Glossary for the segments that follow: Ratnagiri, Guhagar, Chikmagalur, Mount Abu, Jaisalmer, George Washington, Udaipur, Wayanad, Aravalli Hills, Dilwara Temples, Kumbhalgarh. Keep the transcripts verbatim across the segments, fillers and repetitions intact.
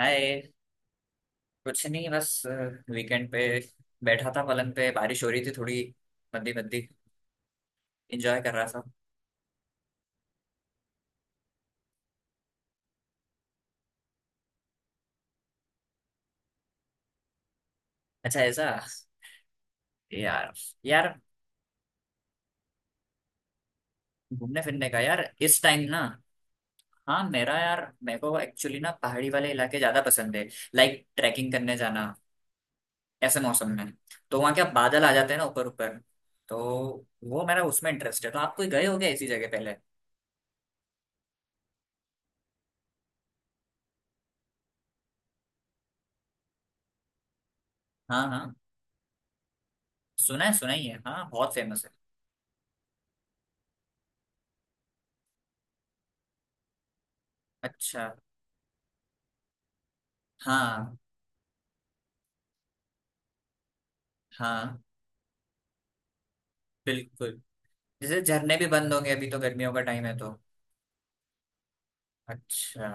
हाय। कुछ नहीं, बस वीकेंड पे बैठा था पलंग पे। बारिश हो रही थी थोड़ी मंदी मंदी। एंजॉय कर रहा था। अच्छा ऐसा, यार। यार, घूमने फिरने का यार इस टाइम ना। हाँ, मेरा यार, मेरे को एक्चुअली ना पहाड़ी वाले इलाके ज्यादा पसंद है। लाइक ट्रैकिंग करने जाना ऐसे मौसम में। तो वहाँ क्या बादल आ जाते हैं ना, ऊपर ऊपर। तो वो मेरा उसमें इंटरेस्ट है। तो आप कोई गए हो क्या ऐसी जगह पहले? हाँ हाँ, सुना है, सुना ही है हाँ, बहुत फेमस है। अच्छा। हाँ हाँ, बिल्कुल। जैसे झरने भी बंद होंगे, अभी तो गर्मियों का टाइम है तो। अच्छा।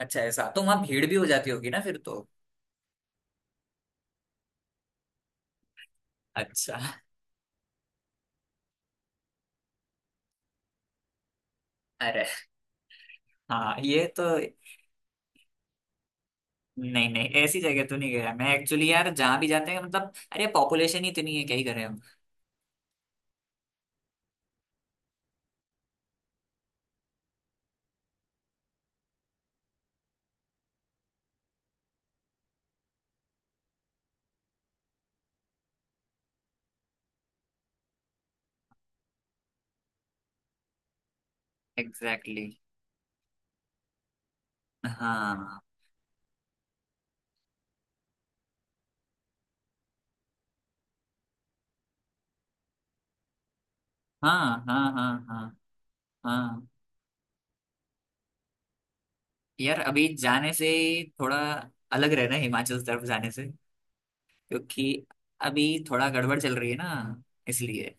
अच्छा ऐसा, तो वहां भीड़ भी हो जाती होगी ना फिर तो। अच्छा। अरे हाँ, ये तो। नहीं नहीं, ऐसी जगह तो नहीं गया मैं एक्चुअली, यार जहाँ भी जाते हैं मतलब, अरे पॉपुलेशन ही इतनी है, क्या ही करें हम। Exactly exactly। हाँ हाँ हाँ हाँ हाँ हाँ। यार अभी जाने से थोड़ा अलग रहना है हिमाचल तरफ जाने से, क्योंकि अभी थोड़ा गड़बड़ चल रही है ना, इसलिए।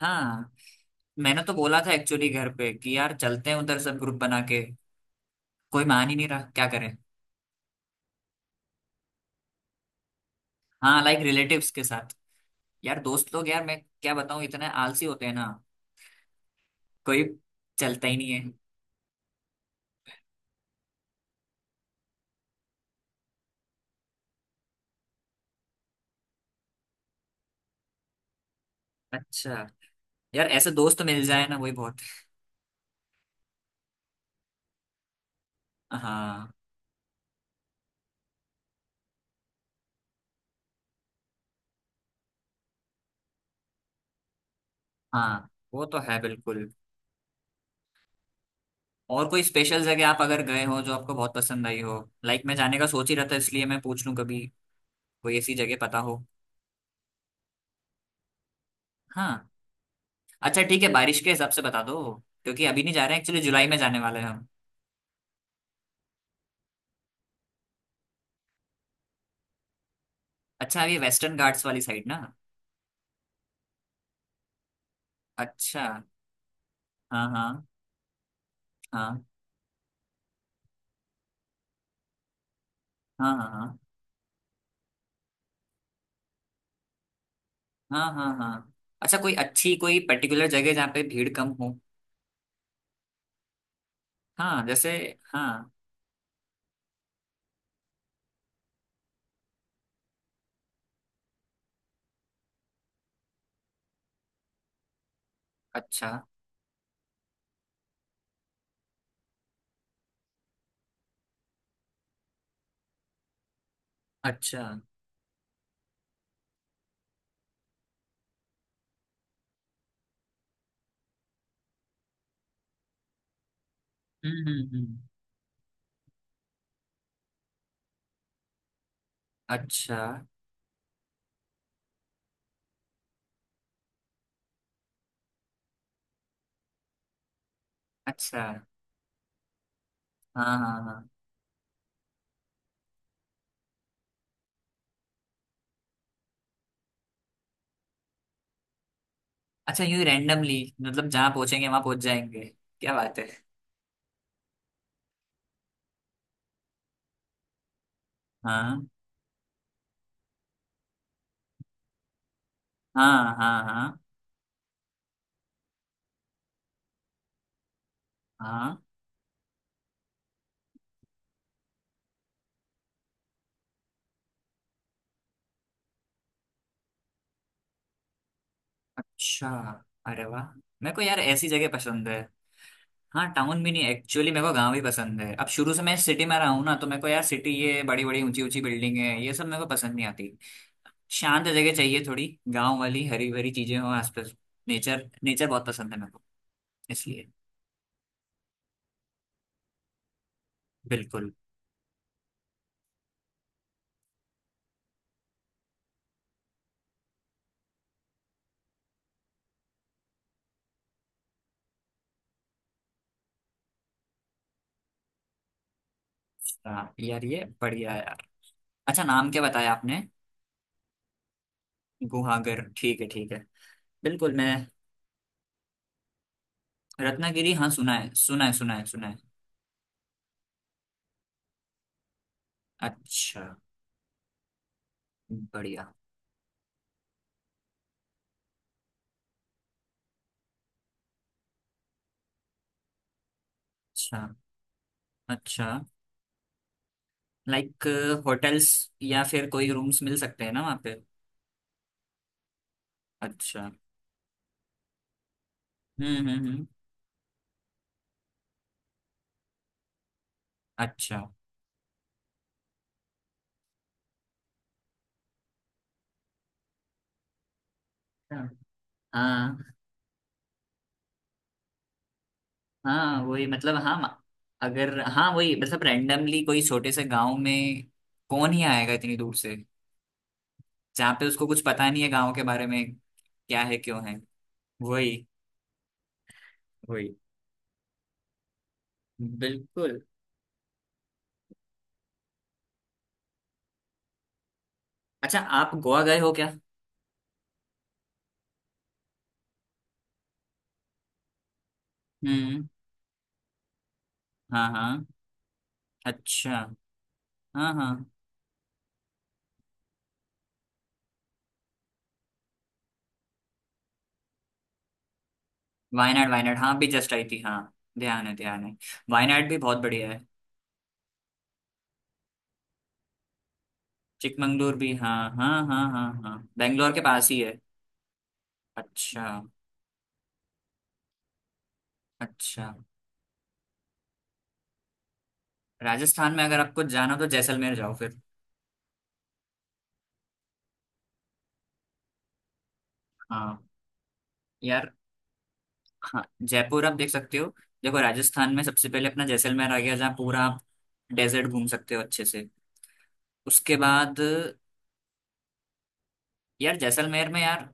हाँ, मैंने तो बोला था एक्चुअली घर पे कि यार चलते हैं उधर सब ग्रुप बना के। कोई मान ही नहीं रहा, क्या करें। हाँ, लाइक रिलेटिव्स के साथ। यार दोस्त लोग, यार मैं क्या बताऊँ, इतने आलसी होते हैं ना। कोई चलता ही नहीं है। अच्छा। यार ऐसे दोस्त तो मिल जाए ना, वही बहुत। हाँ हाँ, वो तो है बिल्कुल। और कोई स्पेशल जगह आप अगर गए हो जो आपको बहुत पसंद आई हो? लाइक मैं जाने का सोच ही रहा था, इसलिए मैं पूछ लूँ, कभी कोई ऐसी जगह पता हो। हाँ, अच्छा ठीक है, बारिश के हिसाब से बता दो। क्योंकि अभी नहीं जा रहे हैं एक्चुअली, जुलाई में जाने वाले हैं हम। अच्छा, ये वेस्टर्न घाट्स वाली साइड ना। अच्छा। हाँ हाँ हाँ हाँ हाँ हाँ हाँ हाँ हाँ। अच्छा, कोई अच्छी, कोई पर्टिकुलर जगह जहाँ पे भीड़ कम हो? हाँ जैसे। हाँ। अच्छा। अच्छा। हम्म हम्म हम्म। अच्छा। अच्छा। हाँ हाँ हाँ। अच्छा, यूँ रैंडमली मतलब जहाँ पहुँचेंगे वहाँ पहुँच जाएंगे। क्या बात है। हाँ हाँ हाँ हाँ हाँ। अच्छा, अरे वाह, मेरे को यार ऐसी जगह पसंद है। हाँ, टाउन भी नहीं एक्चुअली, मेरे को गांव ही पसंद है। अब शुरू से मैं सिटी में रहा हूँ ना, तो मेरे को यार सिटी ये बड़ी बड़ी ऊंची ऊंची बिल्डिंग है ये सब मेरे को पसंद नहीं आती। शांत जगह चाहिए थोड़ी, गांव वाली हरी भरी चीजें हो आसपास। नेचर नेचर बहुत पसंद है मेरे को, इसलिए। बिल्कुल। हाँ यार, ये बढ़िया है यार। अच्छा, नाम क्या बताया आपने? गुहागर, ठीक है ठीक है। बिल्कुल मैं। रत्नागिरी हाँ, सुना है, सुना है, सुना है, सुना है। अच्छा। बढ़िया। अच्छा। अच्छा। लाइक होटल्स, या फिर कोई रूम्स मिल सकते हैं ना वहाँ? अच्छा। हम्म हम्म हम्म। अच्छा। हाँ हाँ वही मतलब, हाँ अगर, हाँ वही मतलब रैंडमली कोई छोटे से गांव में कौन ही आएगा इतनी दूर से, जहाँ पे उसको कुछ पता नहीं है गांव के बारे में क्या है क्यों है। वही। वही। बिल्कुल। अच्छा, आप गोवा गए हो क्या? हम्म। हाँ हाँ। अच्छा। हाँ हाँ। वायनाड वायनाड हाँ, भी जस्ट आई थी हाँ। ध्यान है, ध्यान है। वायनाड भी बहुत बढ़िया है। चिकमंगलूर भी, हाँ हाँ हाँ हाँ हाँ, बेंगलोर के पास ही है। अच्छा। अच्छा। राजस्थान में अगर आपको जाना हो तो जैसलमेर जाओ फिर। हाँ यार। हाँ जयपुर आप देख सकते हो। देखो राजस्थान में सबसे पहले अपना जैसलमेर आ गया, जहाँ पूरा आप डेजर्ट घूम सकते हो अच्छे से। उसके बाद, यार जैसलमेर में यार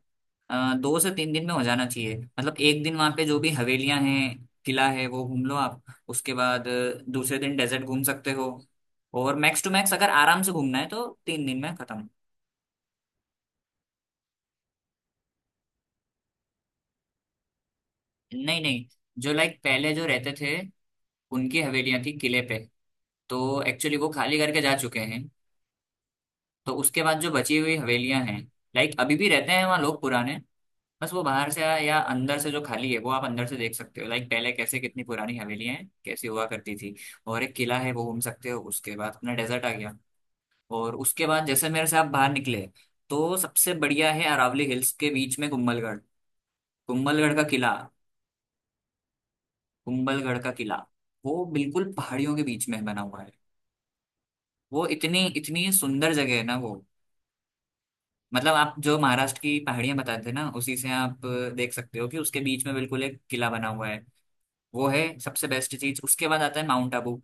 अ, दो से तीन दिन में हो जाना चाहिए। मतलब एक दिन वहाँ पे जो भी हवेलियाँ हैं किला है वो घूम लो आप। उसके बाद अ, दूसरे दिन डेजर्ट घूम सकते हो। और मैक्स टू मैक्स अगर आराम से घूमना है तो तीन दिन में खत्म। नहीं नहीं, जो लाइक पहले जो रहते थे, उनकी हवेलियां थी किले पे। तो एक्चुअली वो खाली करके जा चुके हैं। तो उसके बाद जो बची हुई हवेलियां हैं, लाइक अभी भी रहते हैं वहाँ लोग पुराने, बस वो बाहर से या अंदर से जो खाली है वो आप अंदर से देख सकते हो, लाइक पहले कैसे, कितनी पुरानी हवेलियां हैं कैसी हुआ करती थी। और एक किला है वो घूम सकते हो, उसके बाद अपना डेजर्ट आ गया। और उसके बाद जैसे मेरे से आप बाहर निकले, तो सबसे बढ़िया है अरावली हिल्स के बीच में कुंभलगढ़। कुंभलगढ़ का किला। कुंभलगढ़ का किला, वो बिल्कुल पहाड़ियों के बीच में बना हुआ है। वो इतनी इतनी सुंदर जगह है ना वो। मतलब आप जो महाराष्ट्र की पहाड़ियां बताते थे ना, उसी से आप अ, देख सकते हो कि उसके बीच में बिल्कुल एक किला बना हुआ है। वो है सबसे बेस्ट चीज। उसके बाद आता है माउंट आबू।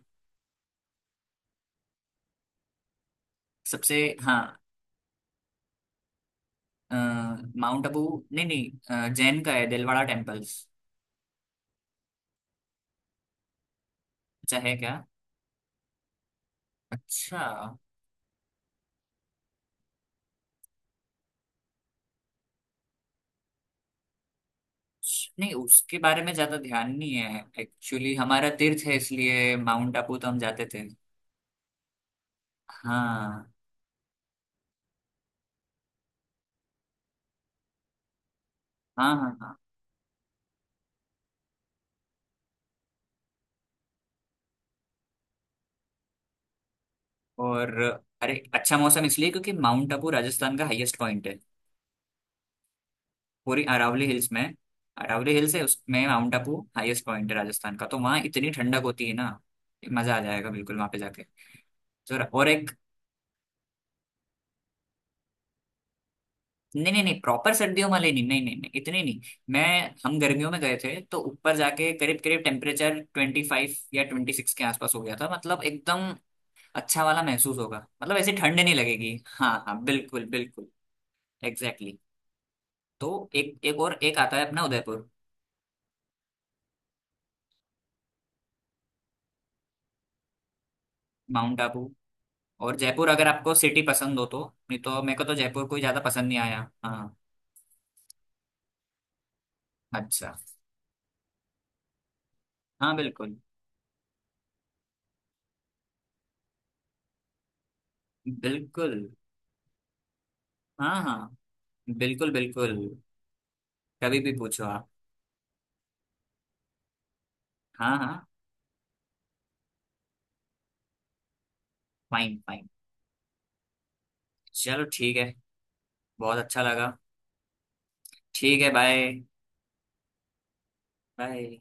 सबसे हाँ। अ, माउंट आबू। नहीं नहीं, अ, जैन का है दिलवाड़ा टेम्पल्स। अच्छा है क्या? अच्छा। नहीं उसके बारे में ज्यादा ध्यान नहीं है एक्चुअली, हमारा तीर्थ है इसलिए माउंट आबू तो हम जाते थे। हाँ हाँ हाँ हाँ। और अरे, अच्छा मौसम इसलिए क्योंकि माउंट आबू राजस्थान का हाईएस्ट पॉइंट है। पूरी अरावली हिल्स में। अरावली हिल्स है, उसमें माउंट आबू हाईएस्ट पॉइंट है राजस्थान का। तो वहाँ इतनी ठंडक होती है ना, मजा आ जाएगा बिल्कुल वहाँ पे जाके। तो और एक। नहीं नहीं नहीं प्रॉपर सर्दियों वाले नहीं, नहीं नहीं नहीं इतने नहीं। मैं हम गर्मियों में गए थे, तो ऊपर जाके करीब करीब टेम्परेचर ट्वेंटी फाइव या ट्वेंटी सिक्स के आसपास हो गया था, मतलब एकदम। अच्छा वाला महसूस होगा मतलब, ऐसी ठंड नहीं लगेगी। हाँ हाँ, बिल्कुल बिल्कुल। एग्जैक्टली। तो एक, एक और एक आता है अपना उदयपुर। माउंट आबू और जयपुर अगर आपको सिटी पसंद हो तो। नहीं तो मेरे को तो जयपुर कोई ज्यादा पसंद नहीं आया, हाँ। अच्छा। हाँ बिल्कुल बिल्कुल। हाँ हाँ बिल्कुल बिल्कुल, कभी भी पूछो आप। हाँ हाँ। Fine fine. चलो ठीक है। बहुत अच्छा लगा। ठीक है, बाय। बाय।